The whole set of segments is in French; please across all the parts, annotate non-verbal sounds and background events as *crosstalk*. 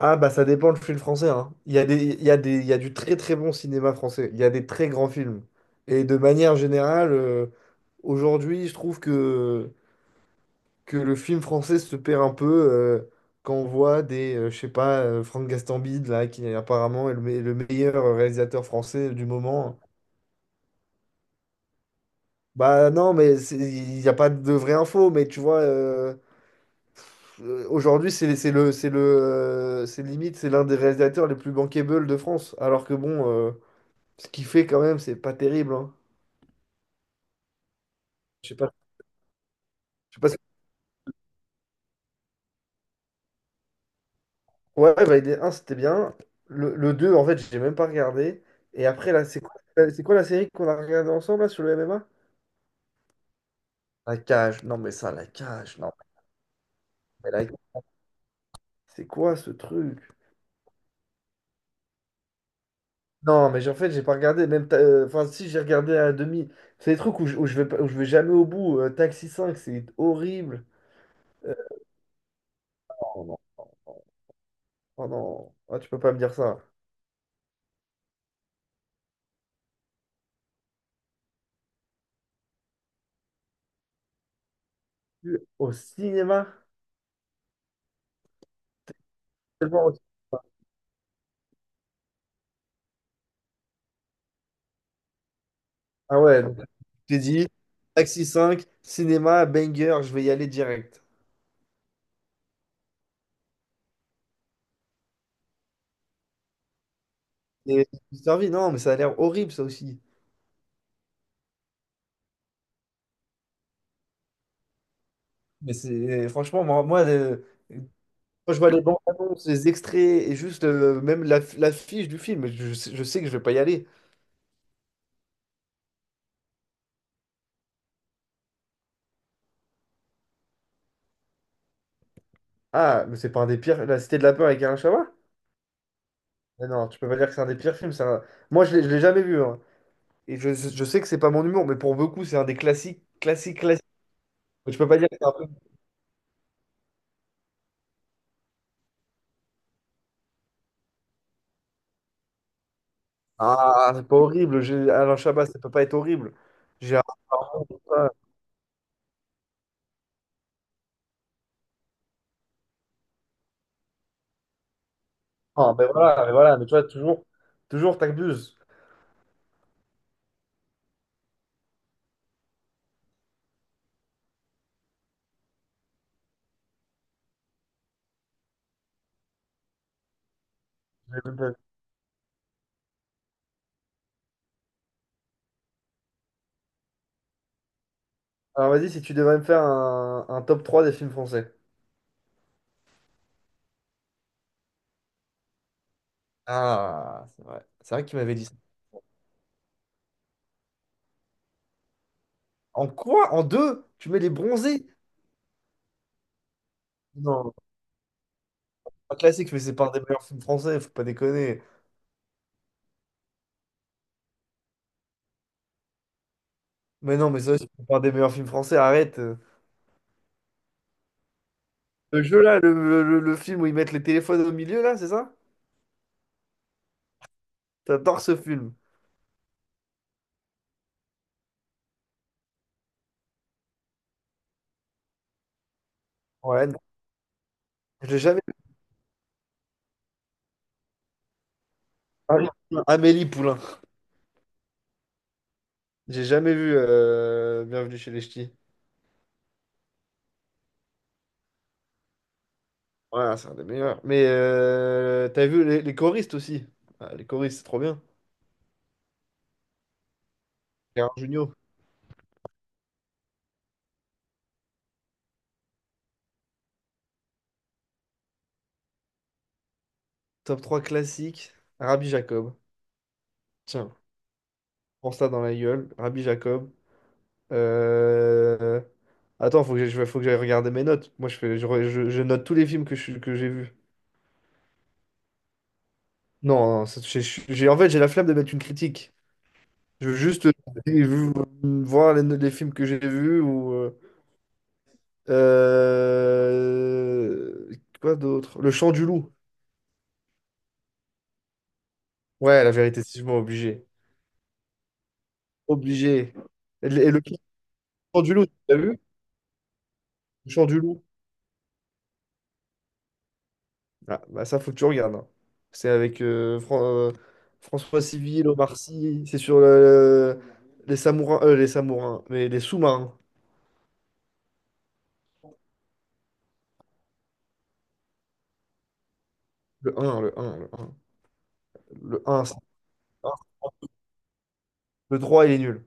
Ah bah ça dépend le film français, hein. Il y a des, il y a des, il y a du très très bon cinéma français. Il y a des très grands films. Et de manière générale, aujourd'hui, je trouve que le film français se perd un peu euh, quand on voit des, je sais pas, Franck Gastambide, là, qui apparemment est le meilleur réalisateur français du moment. Bah non, mais il n'y a pas de vraie info, mais tu vois, aujourd'hui, c'est le, c'est le, c'est limite, c'est l'un des réalisateurs les plus bankable de France. Alors que bon. Ce qu'il fait quand même, c'est pas terrible, hein. Je sais pas. Je sais pas ce- Ouais, Validé un c'était bien. Le 2 en fait, j'ai même pas regardé. Et après, là, c'est quoi la série qu'on a regardée ensemble là, sur le MMA? La cage. Non, mais ça, la cage. Non, mais c'est quoi ce truc? Non, mais en fait, j'ai pas regardé. Même enfin, si, j'ai regardé à demi. C'est des trucs où je vais, pas- où je vais jamais au bout. Taxi 5, c'est horrible. Euh, oh non. Oh non. Ah, tu peux pas me dire ça. Au cinéma? Ah ouais, donc j'ai dit, Taxi cinq, cinéma, banger, je vais y aller direct. Et je suis servi, non, mais ça a l'air horrible ça aussi. Mais c'est franchement, quand je vois les bandes annonces, les extraits et juste même la, la fiche du film, je sais que je vais pas y aller. Ah, mais c'est pas un des pires. La Cité de la Peur avec Alain Chabat? Mais non, tu peux pas dire que c'est un des pires films. Moi, je l'ai jamais vu, hein. Et je sais que c'est pas mon humour, mais pour beaucoup, c'est un des classiques, classiques, classiques. Mais tu peux pas dire que c'est un. Ah, c'est pas horrible. Alain Chabat, ça peut pas être horrible. Gérard Darmon, tout ça. Non, mais voilà, mais voilà, mais tu vois, toujours, toujours t'abuses. Alors vas-y, si tu devrais me faire un top 3 des films français. Ah, c'est vrai. C'est vrai qu'il m'avait dit ça. En quoi? En deux? Tu mets les bronzés? Non, pas classique, mais c'est pas un des meilleurs films français, faut pas déconner. Mais non, mais ça, c'est pas un des meilleurs films français, arrête. Le jeu là, le film où ils mettent les téléphones au milieu là, c'est ça? T'adores ce film. Ouais, non, je l'ai jamais. Amélie Poulain. Amélie Poulain. J'ai jamais vu Bienvenue chez les Ch'tis. Ouais, c'est un des meilleurs. Mais t'as vu les choristes aussi. Ah, les choristes, c'est trop bien. Gérard Jugnot. Top trois classique. Rabbi Jacob. Tiens, prends ça dans la gueule. Rabbi Jacob. Euh, Attends, faut que j'aille regarder mes notes. Moi, je fais, je, re- je note tous les films que j'ai vus. Non, non, j'ai- en fait, j'ai la flemme de mettre une critique. Je veux juste voir les films que j'ai vus ou. Euh, Quoi d'autre? Le chant du loup. Ouais, la vérité, c'est sûrement obligé. Obligé. Et le chant du loup, tu as vu? Le chant du loup. Ah, bah ça, faut que tu regardes, hein. C'est avec François Civil, Omar Sy. Les samourins. Les samourins. Mais les sous-marins. Le un. Le un c'est- Le 3, il est nul.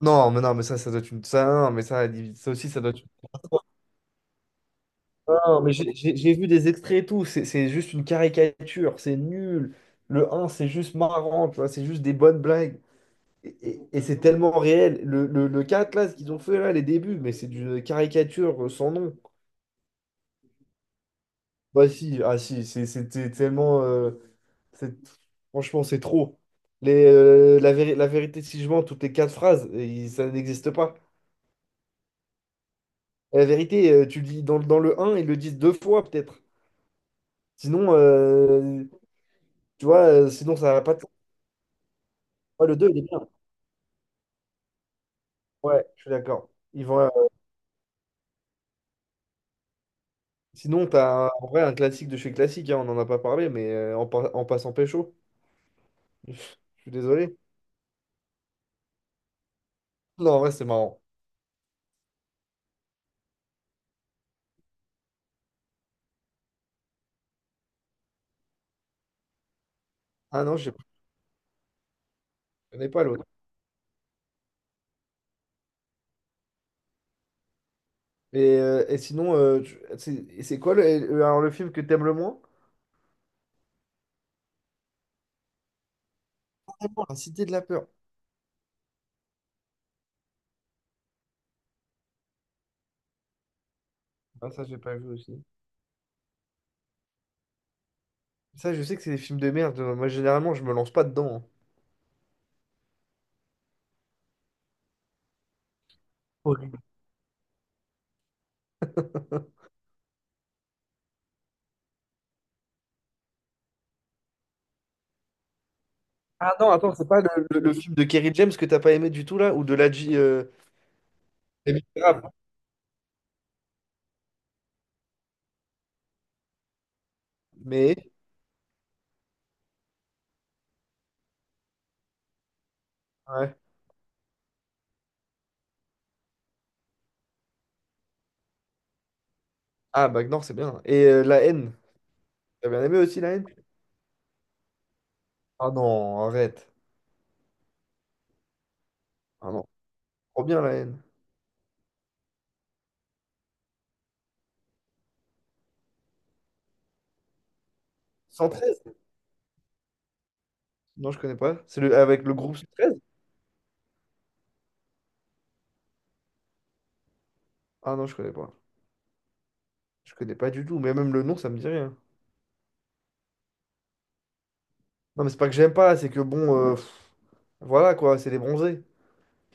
Non, mais non, mais ça doit être une. Ça, non, mais ça aussi, ça doit être. Ah non, mais j'ai vu des extraits et tout, c'est juste une caricature, c'est nul. Le un c'est juste marrant, tu vois, c'est juste des bonnes blagues. Et, et c'est tellement réel. Le 4 là, ce qu'ils ont fait, là, les débuts, mais c'est une caricature sans nom. Bah si, ah si, c'était tellement... c'est- franchement, c'est trop. La vérité, si je mens, toutes les quatre phrases, ça n'existe pas. La vérité, tu le dis dans, dans le un ils le disent deux fois, peut-être. Sinon, tu vois, sinon ça n'a pas de. Ouais, le 2 il est bien. Ouais, je suis d'accord. Sinon, en vrai un classique de chez classique, hein, on en a pas parlé, mais en passant pécho. *laughs* Je suis désolé. Non, en vrai, c'est marrant. Ah non, je ne connais pas l'autre. Et sinon, c'est quoi le, alors, le film que t'aimes le moins? Vraiment, La Cité de la Peur. Ah, ça, j'ai pas vu aussi. Ça, je sais que c'est des films de merde. Moi, généralement, je me lance pas dedans, hein. Horrible. Ah non, attends, c'est pas le film de Kerry James que t'as pas aimé du tout, là? Ou de la Les Misérables. Mais... Ouais. Ah, Bagnor, c'est bien. Et La Haine. T'as bien aimé aussi La Haine? Ah non, arrête. Ah non, trop bien La Haine. 113. Non, je connais pas. C'est le... avec le groupe cent treize. Ah non, je connais pas. Je connais pas du tout. Mais même le nom, ça me dit rien. Non, mais c'est pas que j'aime pas, c'est que bon, voilà quoi, c'est les bronzés.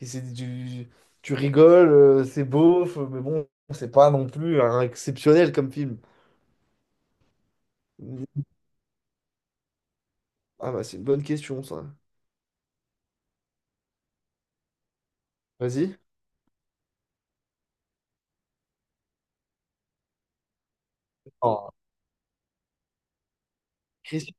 Et c'est du... Tu rigoles, c'est beauf, mais bon, c'est pas non plus un exceptionnel comme film. Ah bah, c'est une bonne question, ça. Vas-y. Oh, Christian.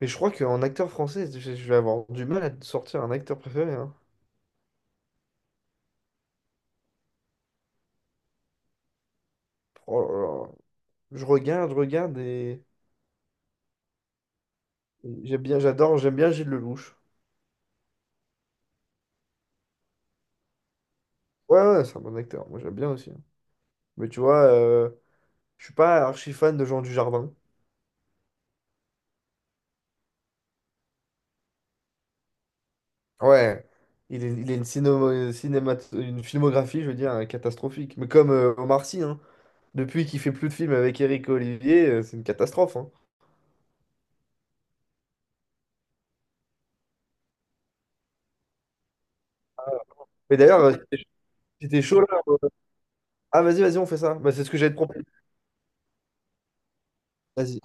Mais je crois qu'en acteur français, je vais avoir du mal à te sortir un acteur préféré, hein. Oh là là. Je regarde et j'aime bien, j'adore, j'aime bien Gilles Lelouch. Ouais, ouais, c'est un bon acteur. Moi, j'aime bien aussi, hein. Mais tu vois, je suis pas archi fan de Jean Dujardin. Ouais. Il est, il a une, cinéma, cinémato- une filmographie, je veux dire, catastrophique. Mais comme Omar Sy, hein. Depuis qu'il fait plus de films avec Eric Olivier, c'est une catastrophe, hein. Mais d'ailleurs, c'était chaud là. Ah, vas-y, vas-y, on fait ça. Bah, c'est ce que j'allais te proposer. Vas-y.